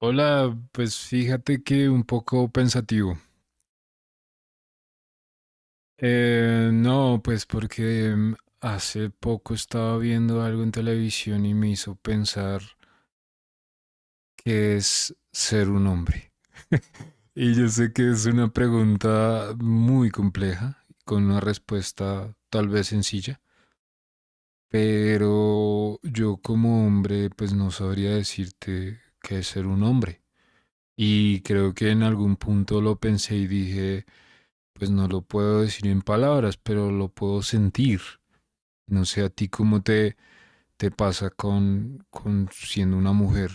Hola, pues fíjate que un poco pensativo. No, pues porque hace poco estaba viendo algo en televisión y me hizo pensar qué es ser un hombre. Y yo sé que es una pregunta muy compleja, con una respuesta tal vez sencilla, pero yo como hombre pues no sabría decirte qué es ser un hombre. Y creo que en algún punto lo pensé y dije, pues no lo puedo decir en palabras, pero lo puedo sentir. No sé a ti cómo te pasa con siendo una mujer.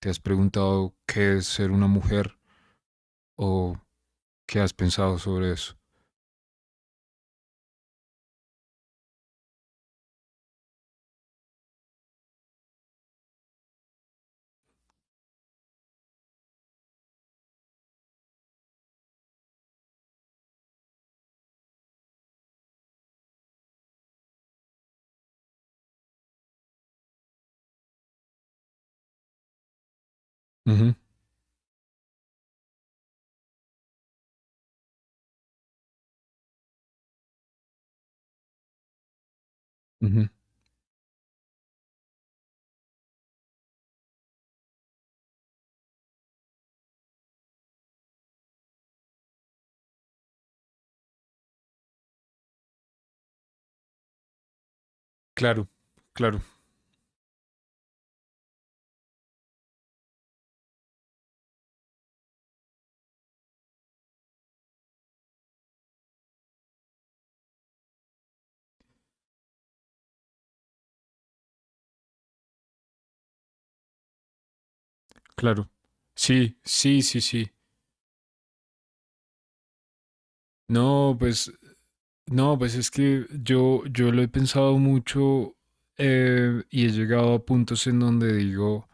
¿Te has preguntado qué es ser una mujer o qué has pensado sobre eso? Uh -huh, uh -huh. Claro, claro, claro. Sí, sí, sí, sí. No, pues, no, pues es que yo lo he pensado mucho y he llegado a puntos en donde digo,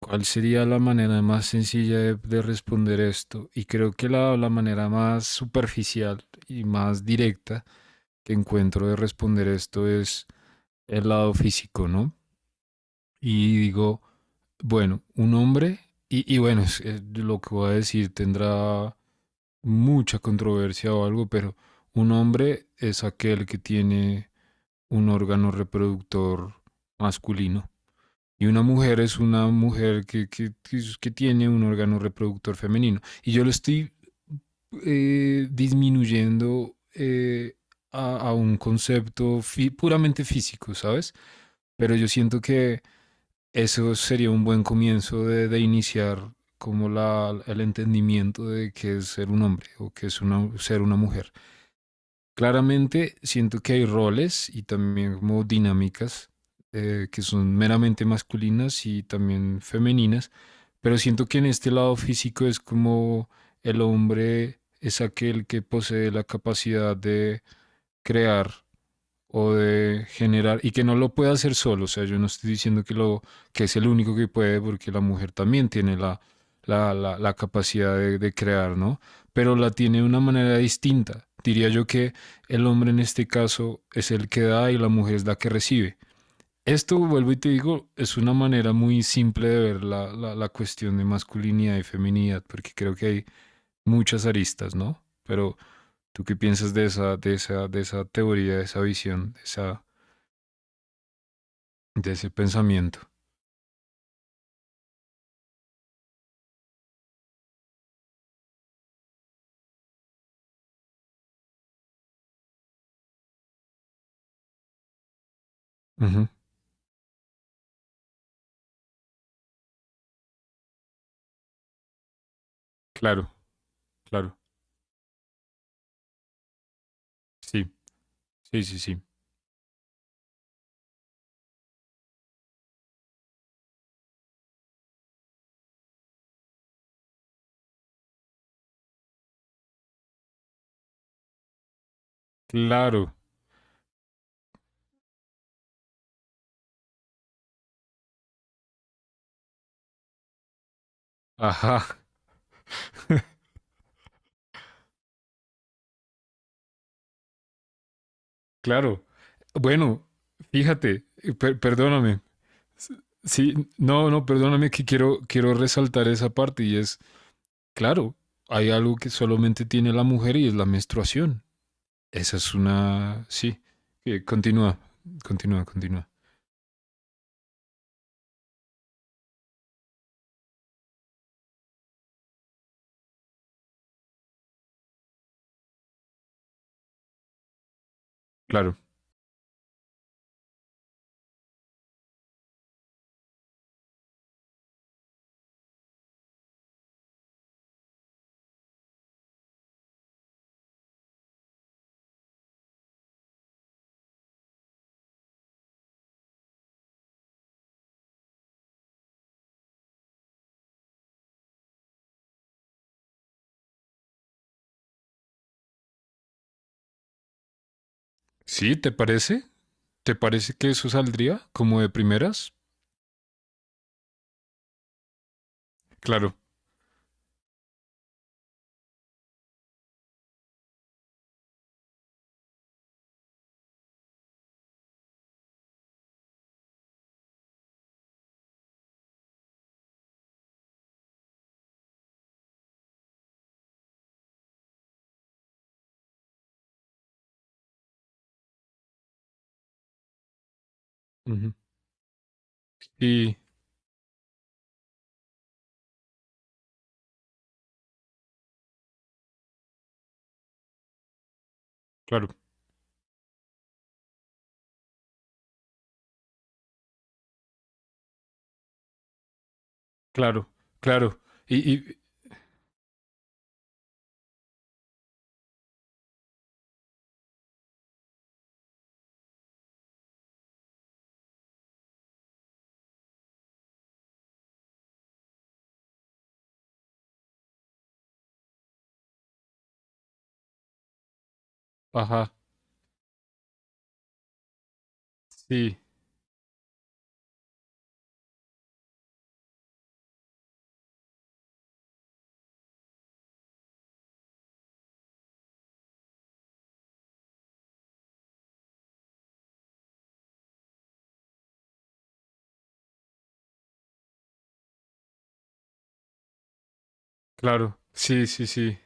¿cuál sería la manera más sencilla de responder esto? Y creo que la manera más superficial y más directa que encuentro de responder esto es el lado físico, ¿no? Y digo, bueno, un hombre, y bueno, es lo que voy a decir tendrá mucha controversia o algo, pero un hombre es aquel que tiene un órgano reproductor masculino. Y una mujer es una mujer que tiene un órgano reproductor femenino. Y yo lo estoy disminuyendo a un concepto puramente físico, ¿sabes? Pero yo siento que eso sería un buen comienzo de iniciar como la, el entendimiento de qué es ser un hombre o qué es una, ser una mujer. Claramente siento que hay roles y también como dinámicas que son meramente masculinas y también femeninas, pero siento que en este lado físico es como el hombre es aquel que posee la capacidad de crear o de generar y que no lo pueda hacer solo, o sea, yo no estoy diciendo que lo que es el único que puede porque la mujer también tiene la capacidad de crear, ¿no? Pero la tiene de una manera distinta. Diría yo que el hombre en este caso es el que da y la mujer es la que recibe. Esto, vuelvo y te digo, es una manera muy simple de ver la cuestión de masculinidad y feminidad, porque creo que hay muchas aristas, ¿no? Pero, ¿tú qué piensas de esa, teoría, de esa visión, de ese pensamiento? Ujú. Claro, claro. Sí, sí, sí, sí. Claro. Ajá, claro. Bueno, fíjate, perdóname. S- Sí, no, no, perdóname que quiero resaltar esa parte y es, claro, hay algo que solamente tiene la mujer y es la menstruación. Esa es una... Sí, continúa, continúa, continúa. Claro. Sí, ¿te parece? ¿Te parece que eso saldría como de primeras? Claro. Ujú. Y, claro. Claro, claro. Y, y, ajá, sí, claro, sí, sí, sí.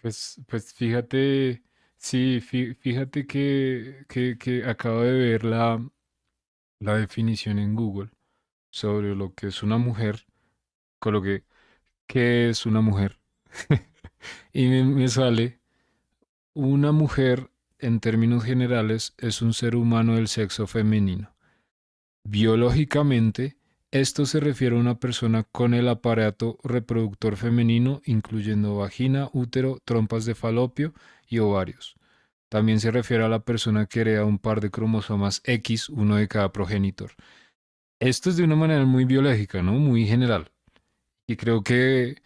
Pues fíjate, sí, fíjate que acabo de ver la definición en Google sobre lo que es una mujer. Coloqué, ¿qué es una mujer? Y me sale, una mujer, en términos generales, es un ser humano del sexo femenino. Biológicamente, esto se refiere a una persona con el aparato reproductor femenino, incluyendo vagina, útero, trompas de falopio y ovarios. También se refiere a la persona que hereda un par de cromosomas X, uno de cada progenitor. Esto es de una manera muy biológica, ¿no? Muy general. Y creo que,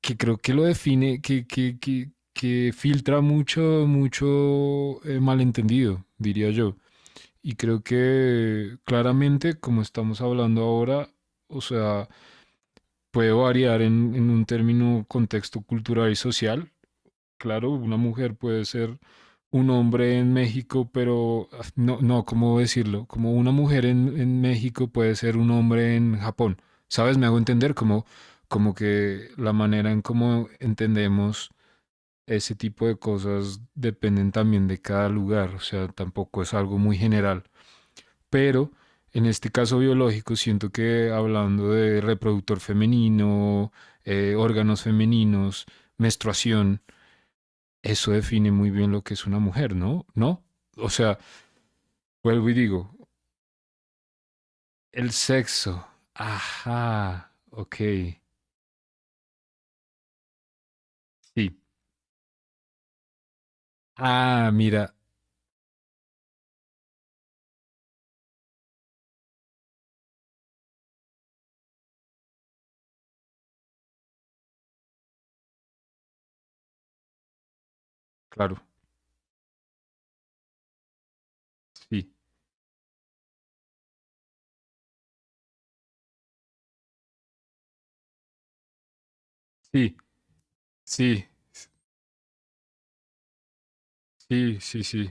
que creo que lo define, que filtra mucho, mucho malentendido, diría yo. Y creo que claramente, como estamos hablando ahora, o sea, puede variar en un término contexto cultural y social. Claro, una mujer puede ser un hombre en México, pero no, no, ¿cómo decirlo? Como una mujer en México puede ser un hombre en Japón. ¿Sabes? Me hago entender como que la manera en cómo entendemos ese tipo de cosas dependen también de cada lugar. O sea, tampoco es algo muy general. Pero en este caso biológico, siento que hablando de reproductor femenino, órganos femeninos, menstruación, eso define muy bien lo que es una mujer, ¿no? ¿No? O sea, vuelvo y digo, el sexo. Ajá, ok, sí. Ah, mira, claro, sí, sí, sí, sí, sí, sí.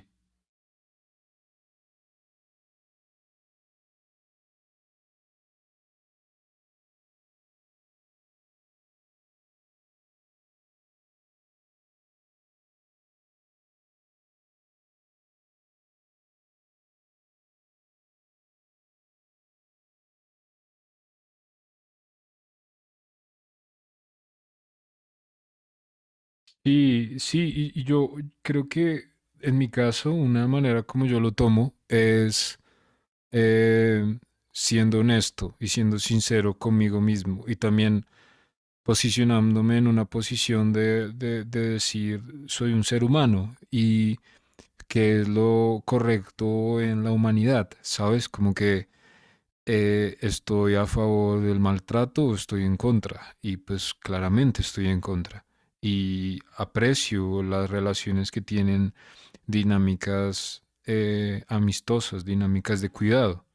Y sí, y yo creo que en mi caso, una manera como yo lo tomo es eh, siendo honesto y siendo sincero conmigo mismo y también posicionándome en una posición de decir soy un ser humano y qué es lo correcto en la humanidad, ¿sabes? Como que estoy a favor del maltrato o estoy en contra. Y pues claramente estoy en contra. Y aprecio las relaciones que tienen dinámicas amistosas, dinámicas de cuidado.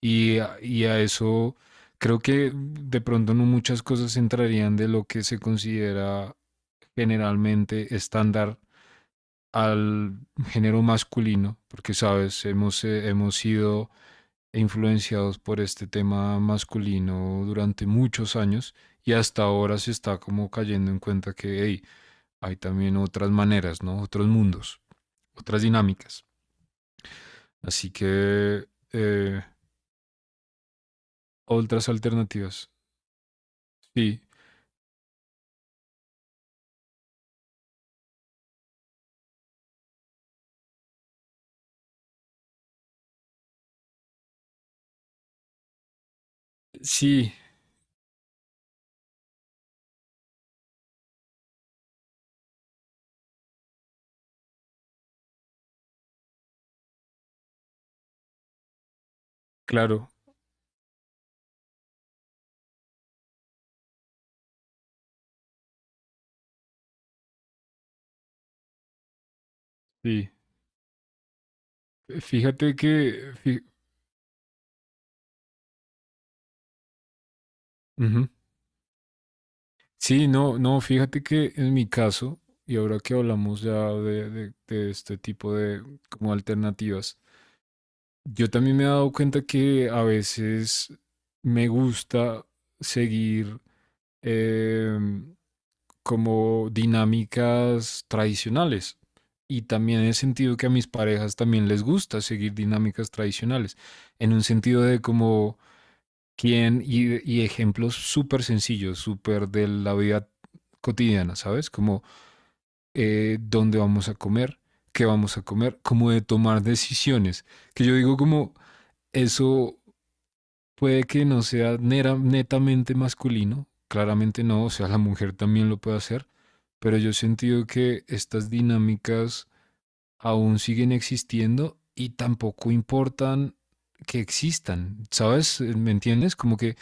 Y a eso creo que de pronto no muchas cosas entrarían de lo que se considera generalmente estándar al género masculino, porque sabes, hemos sido influenciados por este tema masculino durante muchos años y hasta ahora se está como cayendo en cuenta que hey, hay también otras maneras, ¿no? Otros mundos, otras dinámicas. Así que eh, otras alternativas. Sí, sí, claro, sí. Fíjate que, ujú. Sí, no, no, fíjate que en mi caso, y ahora que hablamos ya de este tipo de como alternativas, yo también me he dado cuenta que a veces me gusta seguir em, como dinámicas tradicionales. Y también he sentido que a mis parejas también les gusta seguir dinámicas tradicionales, en un sentido de como ¿quién? Y ejemplos súper sencillos, súper de la vida cotidiana, ¿sabes? Como dónde vamos a comer, qué vamos a comer, como de tomar decisiones. Que yo digo como eso puede que no sea netamente masculino, claramente no, o sea, la mujer también lo puede hacer, pero yo he sentido que estas dinámicas aún siguen existiendo y tampoco importan que existan, ¿sabes? ¿Me entiendes? Como que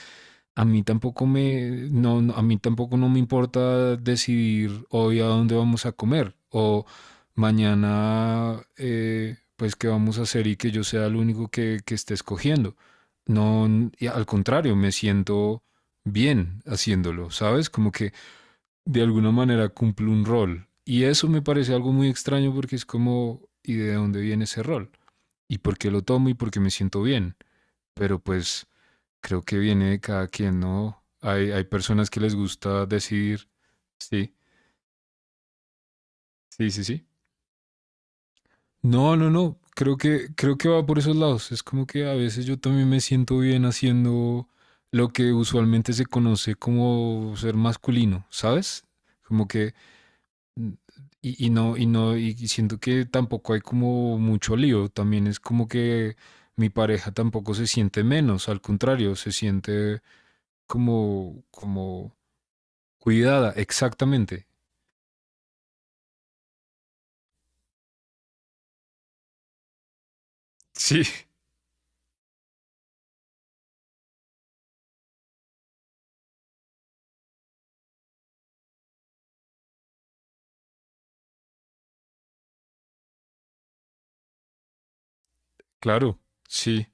a mí tampoco me, no, no, a mí tampoco no me importa decidir hoy a dónde vamos a comer o mañana, pues qué vamos a hacer y que yo sea el único que esté escogiendo. No, y al contrario, me siento bien haciéndolo, ¿sabes? Como que de alguna manera cumplo un rol. Y eso me parece algo muy extraño porque es como, ¿y de dónde viene ese rol? ¿Y por qué lo tomo y por qué me siento bien? Pero pues creo que viene de cada quien, ¿no? Hay personas que les gusta decir, sí, sí, sí, sí. No, no, no, creo que va por esos lados. Es como que a veces yo también me siento bien haciendo lo que usualmente se conoce como ser masculino, ¿sabes? Como que y siento que tampoco hay como mucho lío. También es como que mi pareja tampoco se siente menos, al contrario, se siente como, cuidada, exactamente. Sí, claro, sí,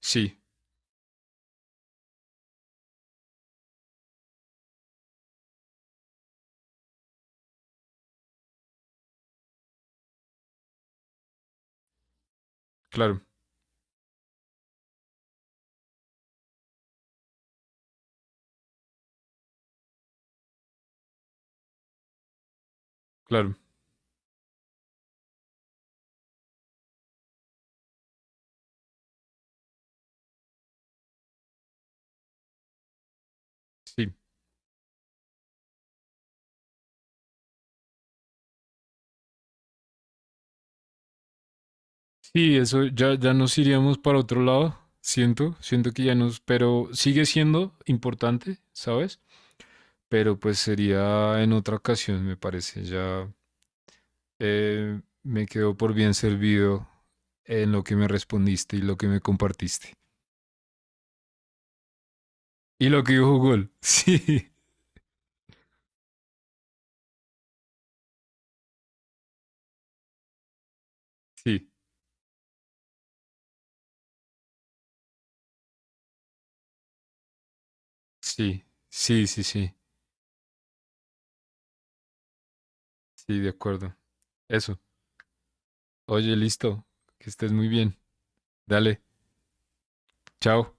sí, claro, claro, sí. Sí, eso ya nos iríamos para otro lado, siento que ya nos, pero sigue siendo importante, ¿sabes? Pero pues sería en otra ocasión, me parece, ya me quedo por bien servido en lo que me respondiste y lo que me compartiste. Y lo que dijo Google, sí, sí, sí, sí, sí, sí, sí, de acuerdo. Eso. Oye, listo. Que estés muy bien. Dale, chao.